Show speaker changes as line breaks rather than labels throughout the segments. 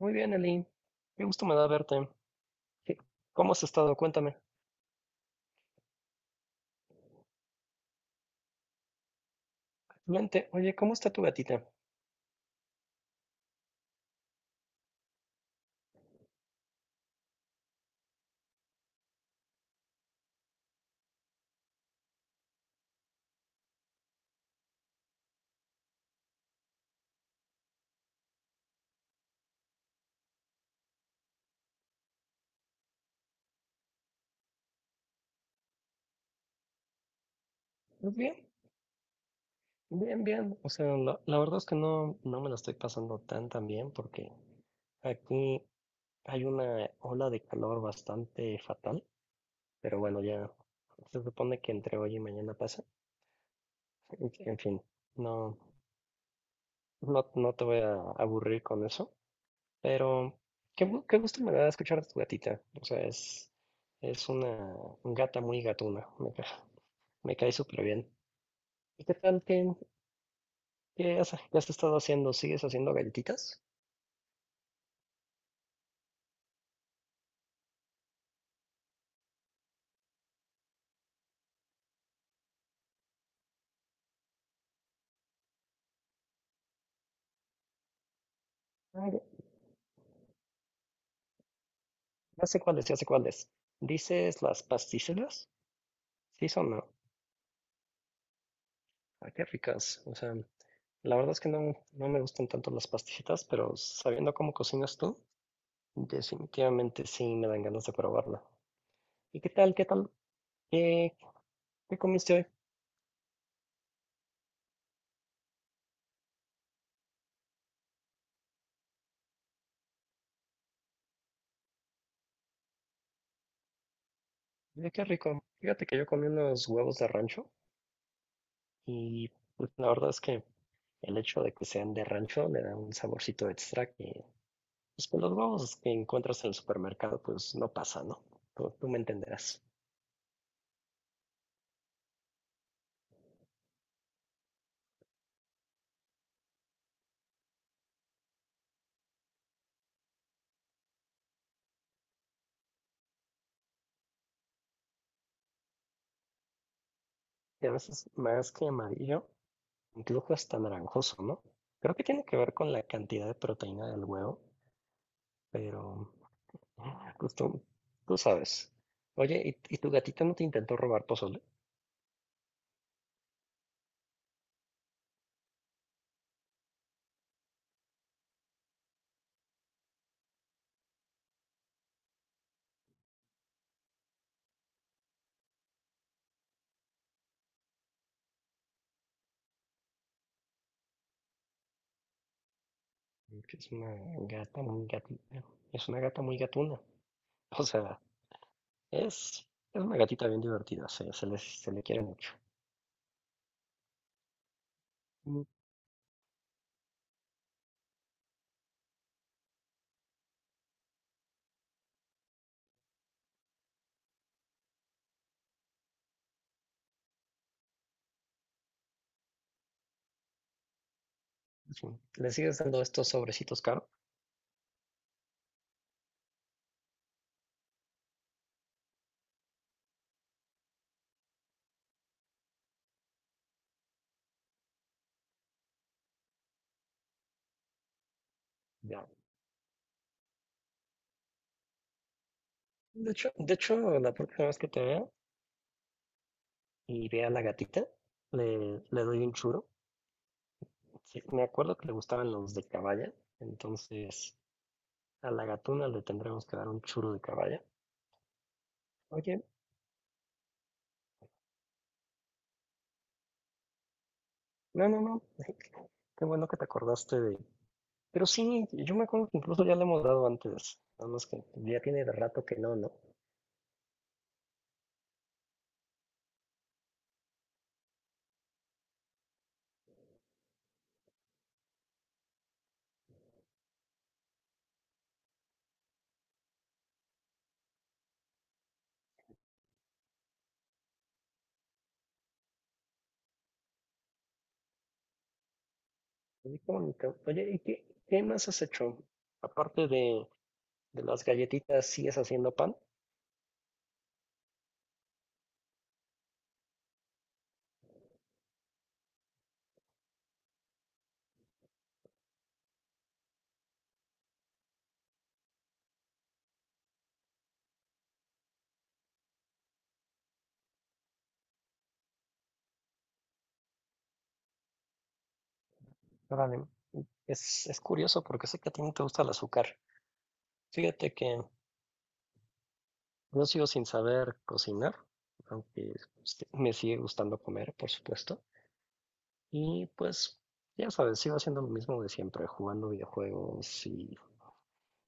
Muy bien, Eli. Qué gusto me da verte. ¿Qué- ¿Cómo has estado? Cuéntame. Vente. Oye, ¿cómo está tu gatita? Pues bien, bien. O sea, la verdad es que no me la estoy pasando tan bien porque aquí hay una ola de calor bastante fatal. Pero bueno, ya se supone que entre hoy y mañana pasa. En fin, no, no, no te voy a aburrir con eso. Pero qué gusto me da escuchar de tu gatita. O sea, es una gata muy gatuna. Me cae súper bien. ¿Y qué tal? ¿Qué has, qué has estado haciendo? ¿Sigues haciendo galletitas? Ah, ya, ya sé cuáles. ¿Dices las pasticelas? Sí son, ¿no? Ah, qué ricas. O sea, la verdad es que no me gustan tanto las pasticelas, pero sabiendo cómo cocinas tú, definitivamente sí me dan ganas de probarla. ¿Y qué tal? ¿Qué tal? ¿Qué, ¿qué comiste hoy? Mira qué rico. Fíjate que yo comí unos huevos de rancho y pues, la verdad es que el hecho de que sean de rancho le da un saborcito extra que pues, con los huevos que encuentras en el supermercado pues no pasa, ¿no? Tú me entenderás. Y a veces más que amarillo, incluso hasta naranjoso, ¿no? Creo que tiene que ver con la cantidad de proteína del huevo, pero ah, tú sabes. Oye, ¿y tu gatita no te intentó robar pozole? Que es una gata muy gatita. Es una gata muy gatuna. O sea, es, es una gatita bien divertida, se le quiere mucho. Mm, sí. Le sigues dando estos sobrecitos caros. Ya. De hecho, la próxima vez que te vea y vea a la gatita, le doy un churo. Sí, me acuerdo que le gustaban los de caballa, entonces a la gatuna le tendremos que dar un churo de caballa. Oye, no, no, no, qué bueno que te acordaste de... Pero sí, yo me acuerdo que incluso ya le hemos dado antes, nada más que ya tiene rato que no, ¿no? Oye, bonito. Oye, ¿qué más has hecho? Aparte de, de las galletitas, ¿sigues haciendo pan? Órale. Es curioso porque sé que a ti no te gusta el azúcar. Fíjate que yo sigo sin saber cocinar, aunque sí me sigue gustando comer, por supuesto. Y pues, ya sabes, sigo haciendo lo mismo de siempre, jugando videojuegos y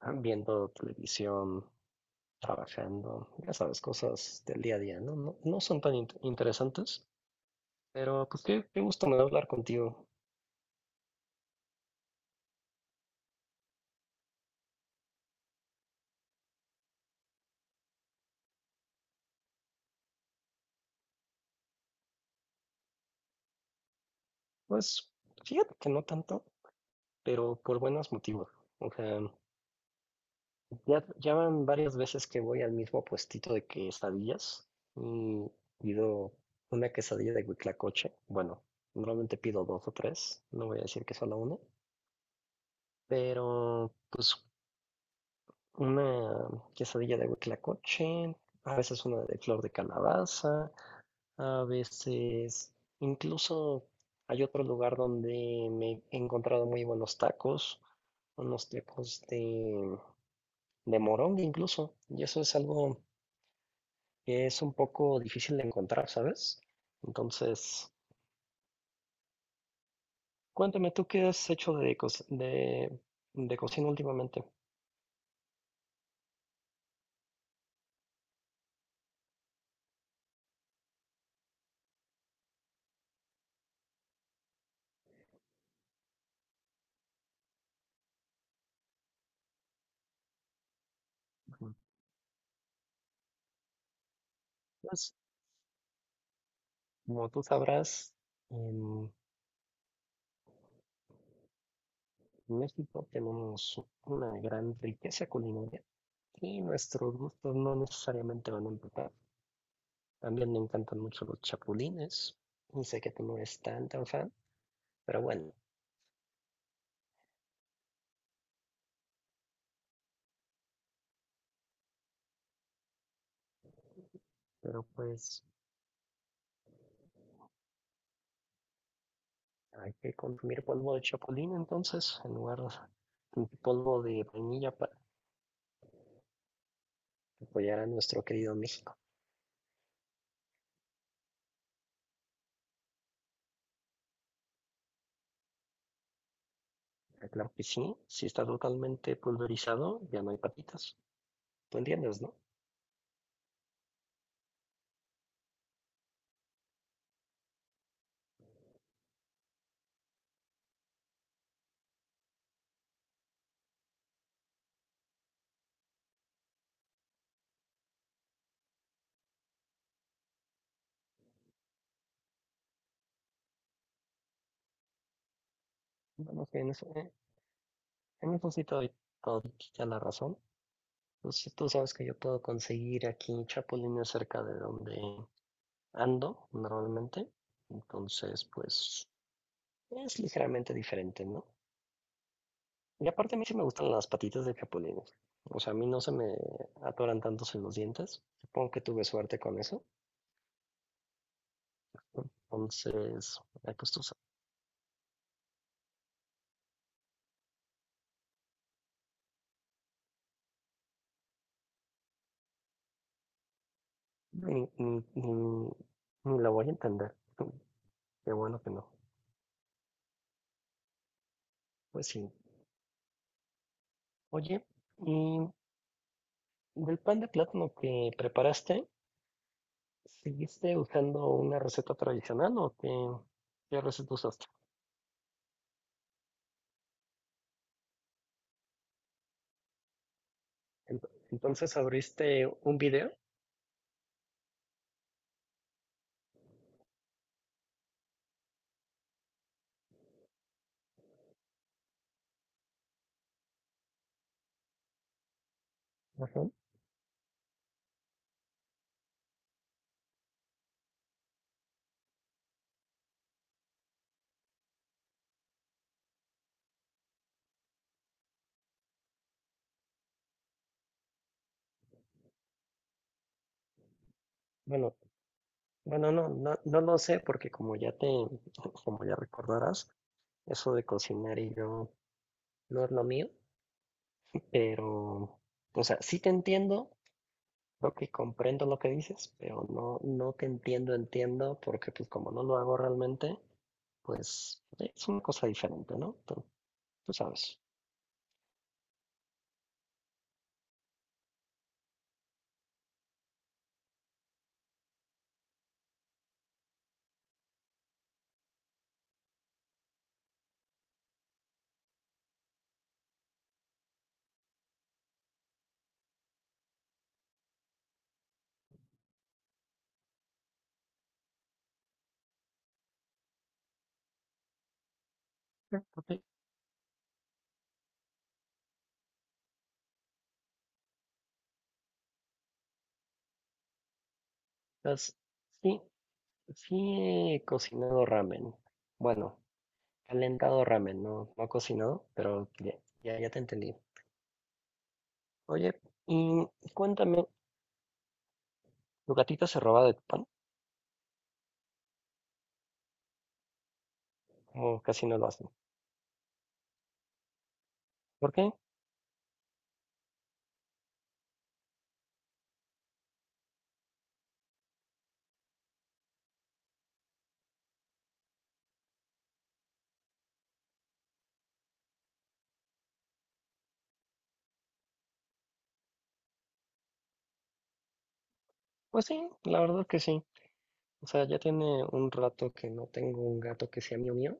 ah, viendo televisión, trabajando, ya sabes, cosas del día a día, ¿no? No, no son interesantes. Pero pues qué gusto me da hablar contigo. Pues fíjate que no tanto, pero por buenos motivos. O sea, ya van varias veces que voy al mismo puestito de quesadillas y pido una quesadilla de huitlacoche. Bueno, normalmente pido dos o tres, no voy a decir que solo una, pero pues una quesadilla de huitlacoche, a veces una de flor de calabaza, a veces, incluso hay otro lugar donde me he encontrado muy buenos tacos, unos tacos de, de moronga incluso, y eso es algo que es un poco difícil de encontrar, ¿sabes? Entonces, cuéntame tú qué has hecho de cocina últimamente. Ujú. Pues, como tú sabrás, en México tenemos una gran riqueza culinaria y nuestros gustos no necesariamente van a empezar. También me encantan mucho los chapulines. Y sé que tú no eres tan fan, pero bueno, pero pues hay que consumir polvo de chapulín entonces, en lugar de polvo de vainilla para apoyar a nuestro querido México. Ah, claro que sí, si está totalmente pulverizado, ya no hay patitas. Tú entiendes, ¿no? Bueno, que en eso sí te doy todita la razón. Tú sabes que yo puedo conseguir aquí chapulines cerca de donde ando normalmente. Entonces, pues es ligeramente diferente, ¿no? Y aparte a mí sí me gustan las patitas de capulines. O sea, a mí no se me atoran tantos en los dientes. Supongo que tuve suerte con eso. Entonces, ay, pues tú sabes, ni, ni, ni- ni la voy a entender. Qué bueno que no. Pues sí. Oye, y del pan de plátano que preparaste, ¿seguiste usando una receta tradicional o qué receta usaste? Entonces abriste un video. Ajá. Bueno, bueno, no, no lo sé, porque como ya te, como ya recordarás, eso de cocinar y yo no es lo mío, pero, o sea, sí te entiendo, creo que comprendo lo que dices, pero no, no te entiendo, entiendo, porque pues como no lo hago realmente, pues es una cosa diferente, ¿no? Tú sabes. Sí. Ok. Pues, sí, sí he cocinado ramen. Bueno, calentado ramen, no he cocinado, pero ya, ya te entendí. Oye, y cuéntame, ¿tu gatita se roba de tu pan? ¿O casi no lo hace? ¿Por qué? Pues sí, la verdad que sí. O sea, ya tiene un rato que no tengo un gato que sea mío mío,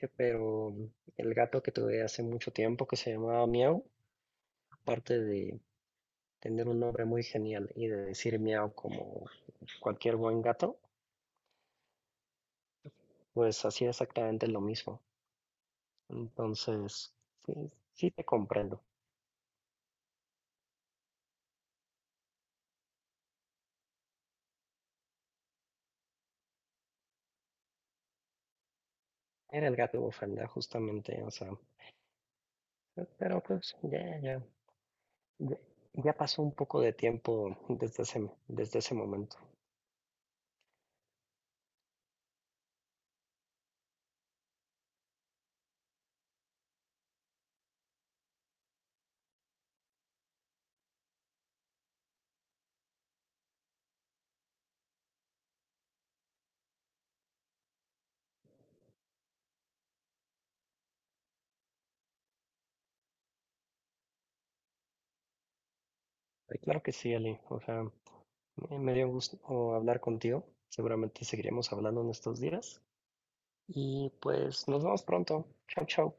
pero el gato que tuve hace mucho tiempo que se llamaba Miau, aparte de tener un nombre muy genial y de decir miau como cualquier buen gato, pues hacía exactamente lo mismo. Entonces, sí, sí te comprendo. Era el gato bufanda, justamente, o sea, pero pues ya, ya. Ya ya pasó un poco de tiempo desde ese momento. Claro que sí, Ali. O sea, me dio gusto hablar contigo. Seguramente seguiremos hablando en estos días. Y pues nos vemos pronto. Chao, chao.